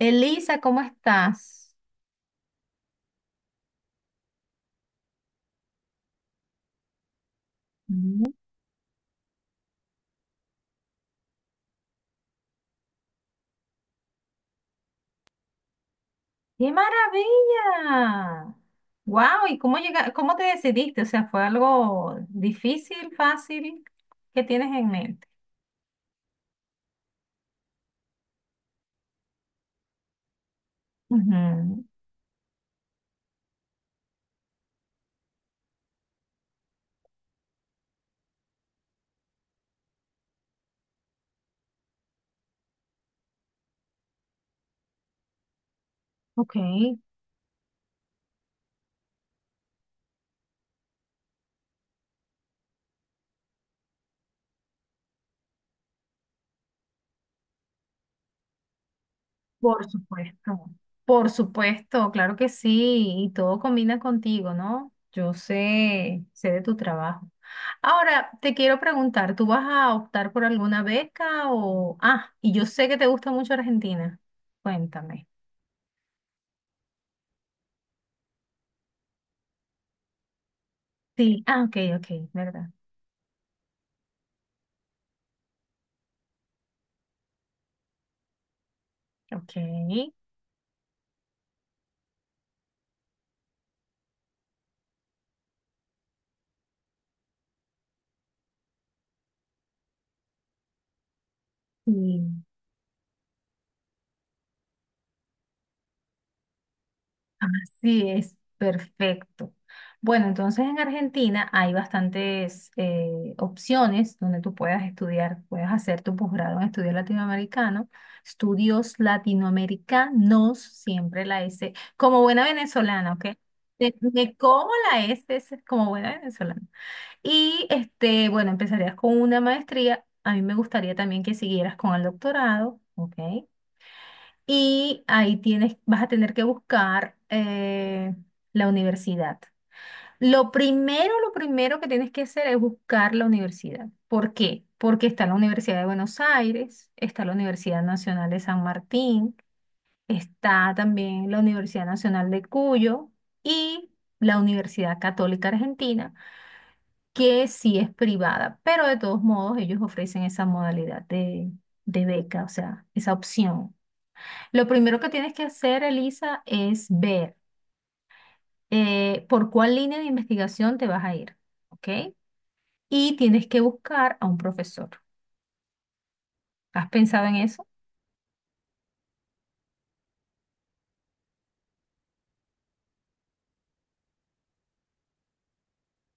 Elisa, ¿cómo estás? Mm. ¡Qué maravilla! ¡Wow! ¿Y cómo llega, cómo te decidiste? O sea, ¿fue algo difícil, fácil? ¿Qué tienes en mente? Ujú. Ok, por supuesto. Por supuesto, claro que sí, y todo combina contigo, ¿no? Yo sé de tu trabajo. Ahora, te quiero preguntar, ¿tú vas a optar por alguna beca o... ah, y yo sé que te gusta mucho Argentina. Cuéntame. Sí, ah, ok, ok, verdad. Ok, y así es, perfecto. Bueno, entonces en Argentina hay bastantes opciones donde tú puedas estudiar, puedes hacer tu posgrado en estudios latinoamericanos, siempre la S, como buena venezolana, ¿ok? Me como la S, es como buena venezolana. Y este, bueno, empezarías con una maestría. A mí me gustaría también que siguieras con el doctorado, ¿ok? Y ahí tienes, vas a tener que buscar la universidad. Lo primero que tienes que hacer es buscar la universidad. ¿Por qué? Porque está la Universidad de Buenos Aires, está la Universidad Nacional de San Martín, está también la Universidad Nacional de Cuyo y la Universidad Católica Argentina, que sí es privada, pero de todos modos ellos ofrecen esa modalidad de beca, o sea, esa opción. Lo primero que tienes que hacer, Elisa, es ver por cuál línea de investigación te vas a ir, ¿ok? Y tienes que buscar a un profesor. ¿Has pensado en eso?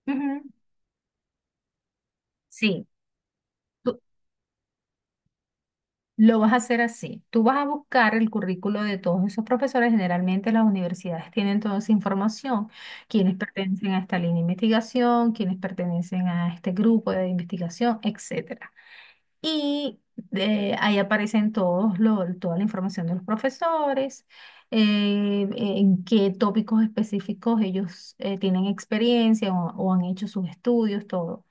Ujú. Sí, tú- lo vas a hacer así. Tú vas a buscar el currículo de todos esos profesores. Generalmente las universidades tienen toda esa información, quienes pertenecen a esta línea de investigación, quienes pertenecen a este grupo de investigación, etcétera. Y ahí aparecen toda la información de los profesores, en qué tópicos específicos ellos tienen experiencia o han hecho sus estudios, todo.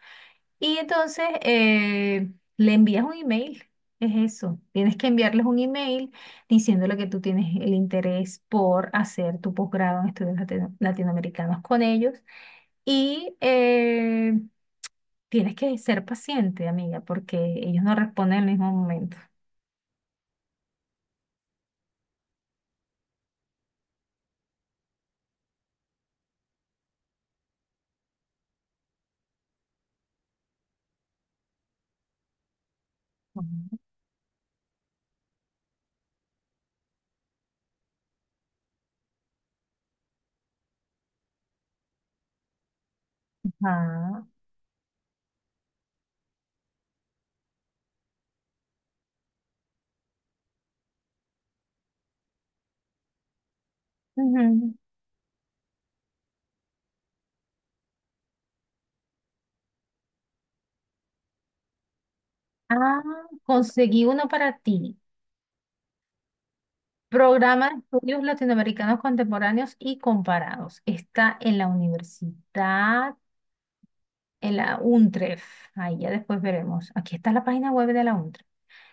Y entonces le envías un email, es eso. Tienes que enviarles un email diciéndole que tú tienes el interés por hacer tu posgrado en estudios latinoamericanos con ellos. Y tienes que ser paciente, amiga, porque ellos no responden en el mismo momento. Ujú. Ah, ujú. Ah, conseguí uno para ti. Programa de Estudios Latinoamericanos Contemporáneos y Comparados. Está en la universidad, en la UNTREF. Ahí ya después veremos. Aquí está la página web de la UNTREF.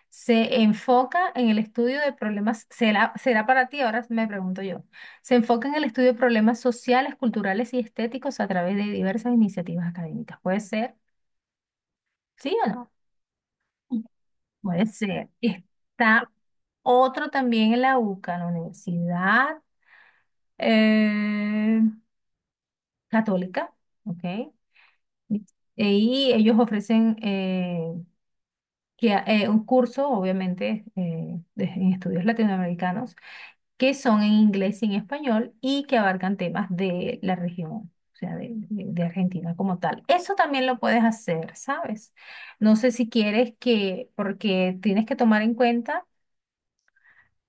Se enfoca en el estudio de problemas, será, será para ti, ahora me pregunto yo. Se enfoca en el estudio de problemas sociales, culturales y estéticos a través de diversas iniciativas académicas. ¿Puede ser? ¿Sí o no? Puede ser. Está otro también en la UCA, en la universidad. eh, católica, ¿ok? Y ellos ofrecen que, un curso, obviamente, en estudios latinoamericanos, que son en inglés y en español y que abarcan temas de la región, o sea, de Argentina como tal. Eso también lo puedes hacer, ¿sabes? No sé si quieres que, porque tienes que tomar en cuenta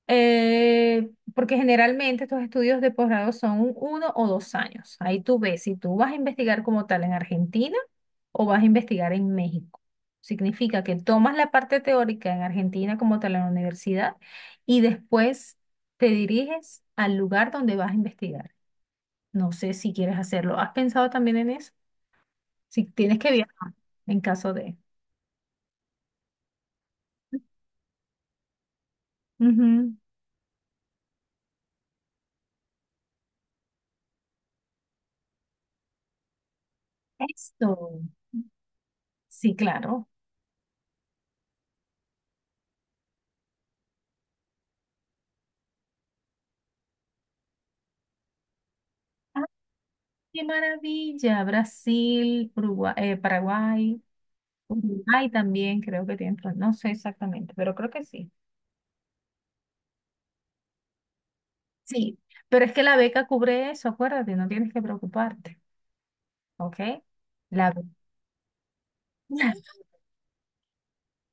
porque generalmente estos estudios de posgrado son uno o dos años. Ahí tú ves si tú vas a investigar como tal en Argentina o vas a investigar en México. Significa que tomas la parte teórica en Argentina como tal en la universidad y después te diriges al lugar donde vas a investigar. No sé si quieres hacerlo. ¿Has pensado también en eso? Si tienes que viajar en caso de... Ujú. Esto. Sí, claro. Qué maravilla, Brasil, Paraguay, Uruguay también creo que tiene, no sé exactamente, pero creo que sí. Sí, pero es que la beca cubre eso, acuérdate, no tienes que preocuparte, ¿ok? La,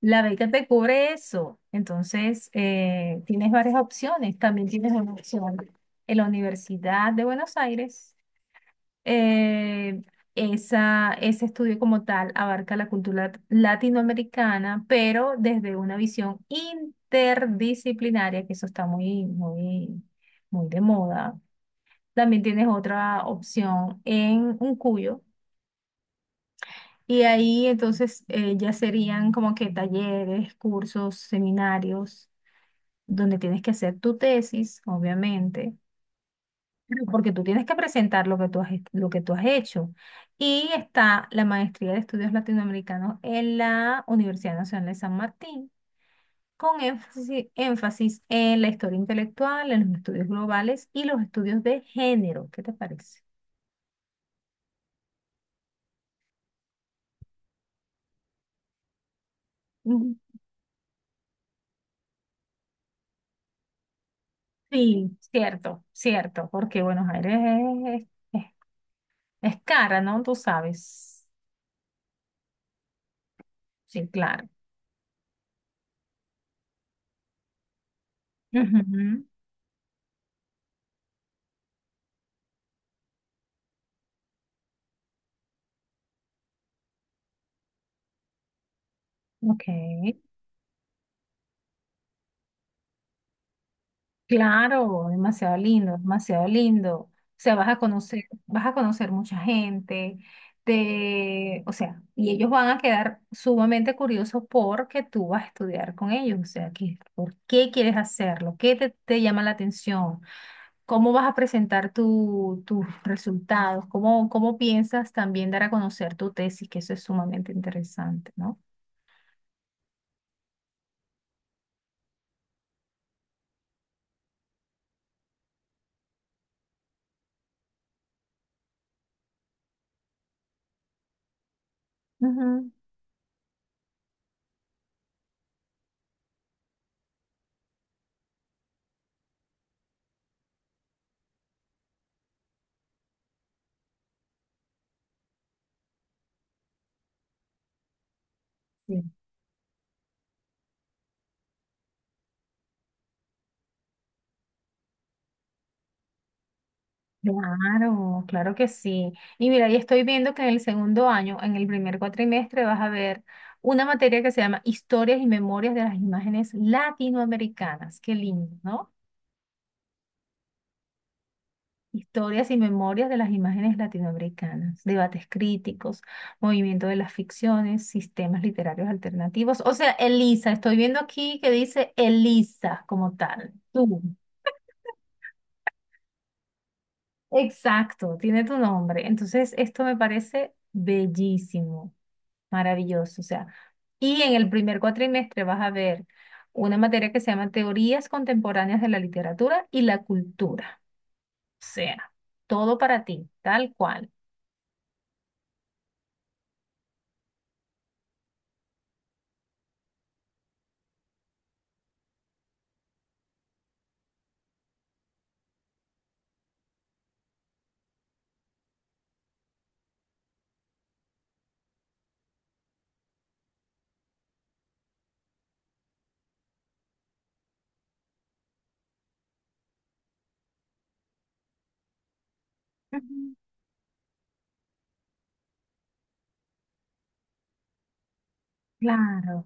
la beca te cubre eso, entonces tienes varias opciones, también tienes una opción en la Universidad de Buenos Aires, eh, esa, ese estudio como tal abarca la cultura latinoamericana, pero desde una visión interdisciplinaria, que eso está muy, muy de moda. También tienes otra opción en un cuyo. Y ahí entonces ya serían como que talleres, cursos, seminarios, donde tienes que hacer tu tesis, obviamente. Porque tú tienes que presentar lo que tú has hecho. Y está la maestría de estudios latinoamericanos en la Universidad Nacional de San Martín, con énfasis en la historia intelectual, en los estudios globales y los estudios de género. ¿Qué te parece? Mm, sí, cierto, cierto, porque Buenos Aires es, es- es cara, ¿no? Tú sabes. Sí, claro. Ujú, ok. Claro, demasiado lindo, demasiado lindo. O sea, vas a conocer mucha gente, te, o sea, y ellos van a quedar sumamente curiosos porque tú vas a estudiar con ellos. O sea, que, ¿por qué quieres hacerlo? ¿Qué te llama la atención? ¿Cómo vas a presentar tus resultados? Cómo piensas también dar a conocer tu tesis? Que eso es sumamente interesante, ¿no? Ujú. Claro, claro que sí. Y mira, y estoy viendo que en el segundo año, en el primer cuatrimestre, vas a ver una materia que se llama Historias y Memorias de las Imágenes Latinoamericanas. Qué lindo, ¿no? Historias y Memorias de las Imágenes Latinoamericanas, debates críticos, movimiento de las ficciones, sistemas literarios alternativos. O sea, Elisa, estoy viendo aquí que dice Elisa como tal. Tú. Exacto, tiene tu nombre. Entonces, esto me parece bellísimo. Maravilloso, o sea. Y en el primer cuatrimestre vas a ver una materia que se llama Teorías Contemporáneas de la Literatura y la Cultura. O sea, todo para ti, tal cual. Ujú. Claro.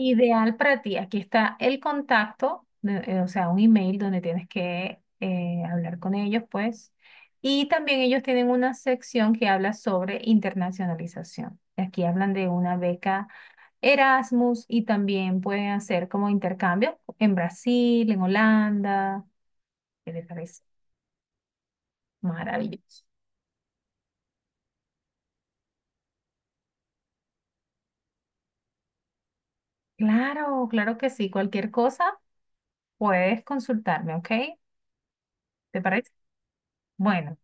Ideal para ti. Aquí está el contacto, o sea, un email donde tienes que hablar con ellos, pues. Y también ellos tienen una sección que habla sobre internacionalización. Aquí hablan de una beca Erasmus y también pueden hacer como intercambio en Brasil, en Holanda. ¿Qué les parece? Maravilloso. Claro, claro que sí. Cualquier cosa puedes consultarme, ¿ok? ¿Te parece? Bueno,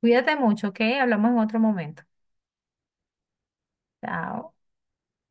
cuídate mucho, ¿ok? Hablamos en otro momento. Chao.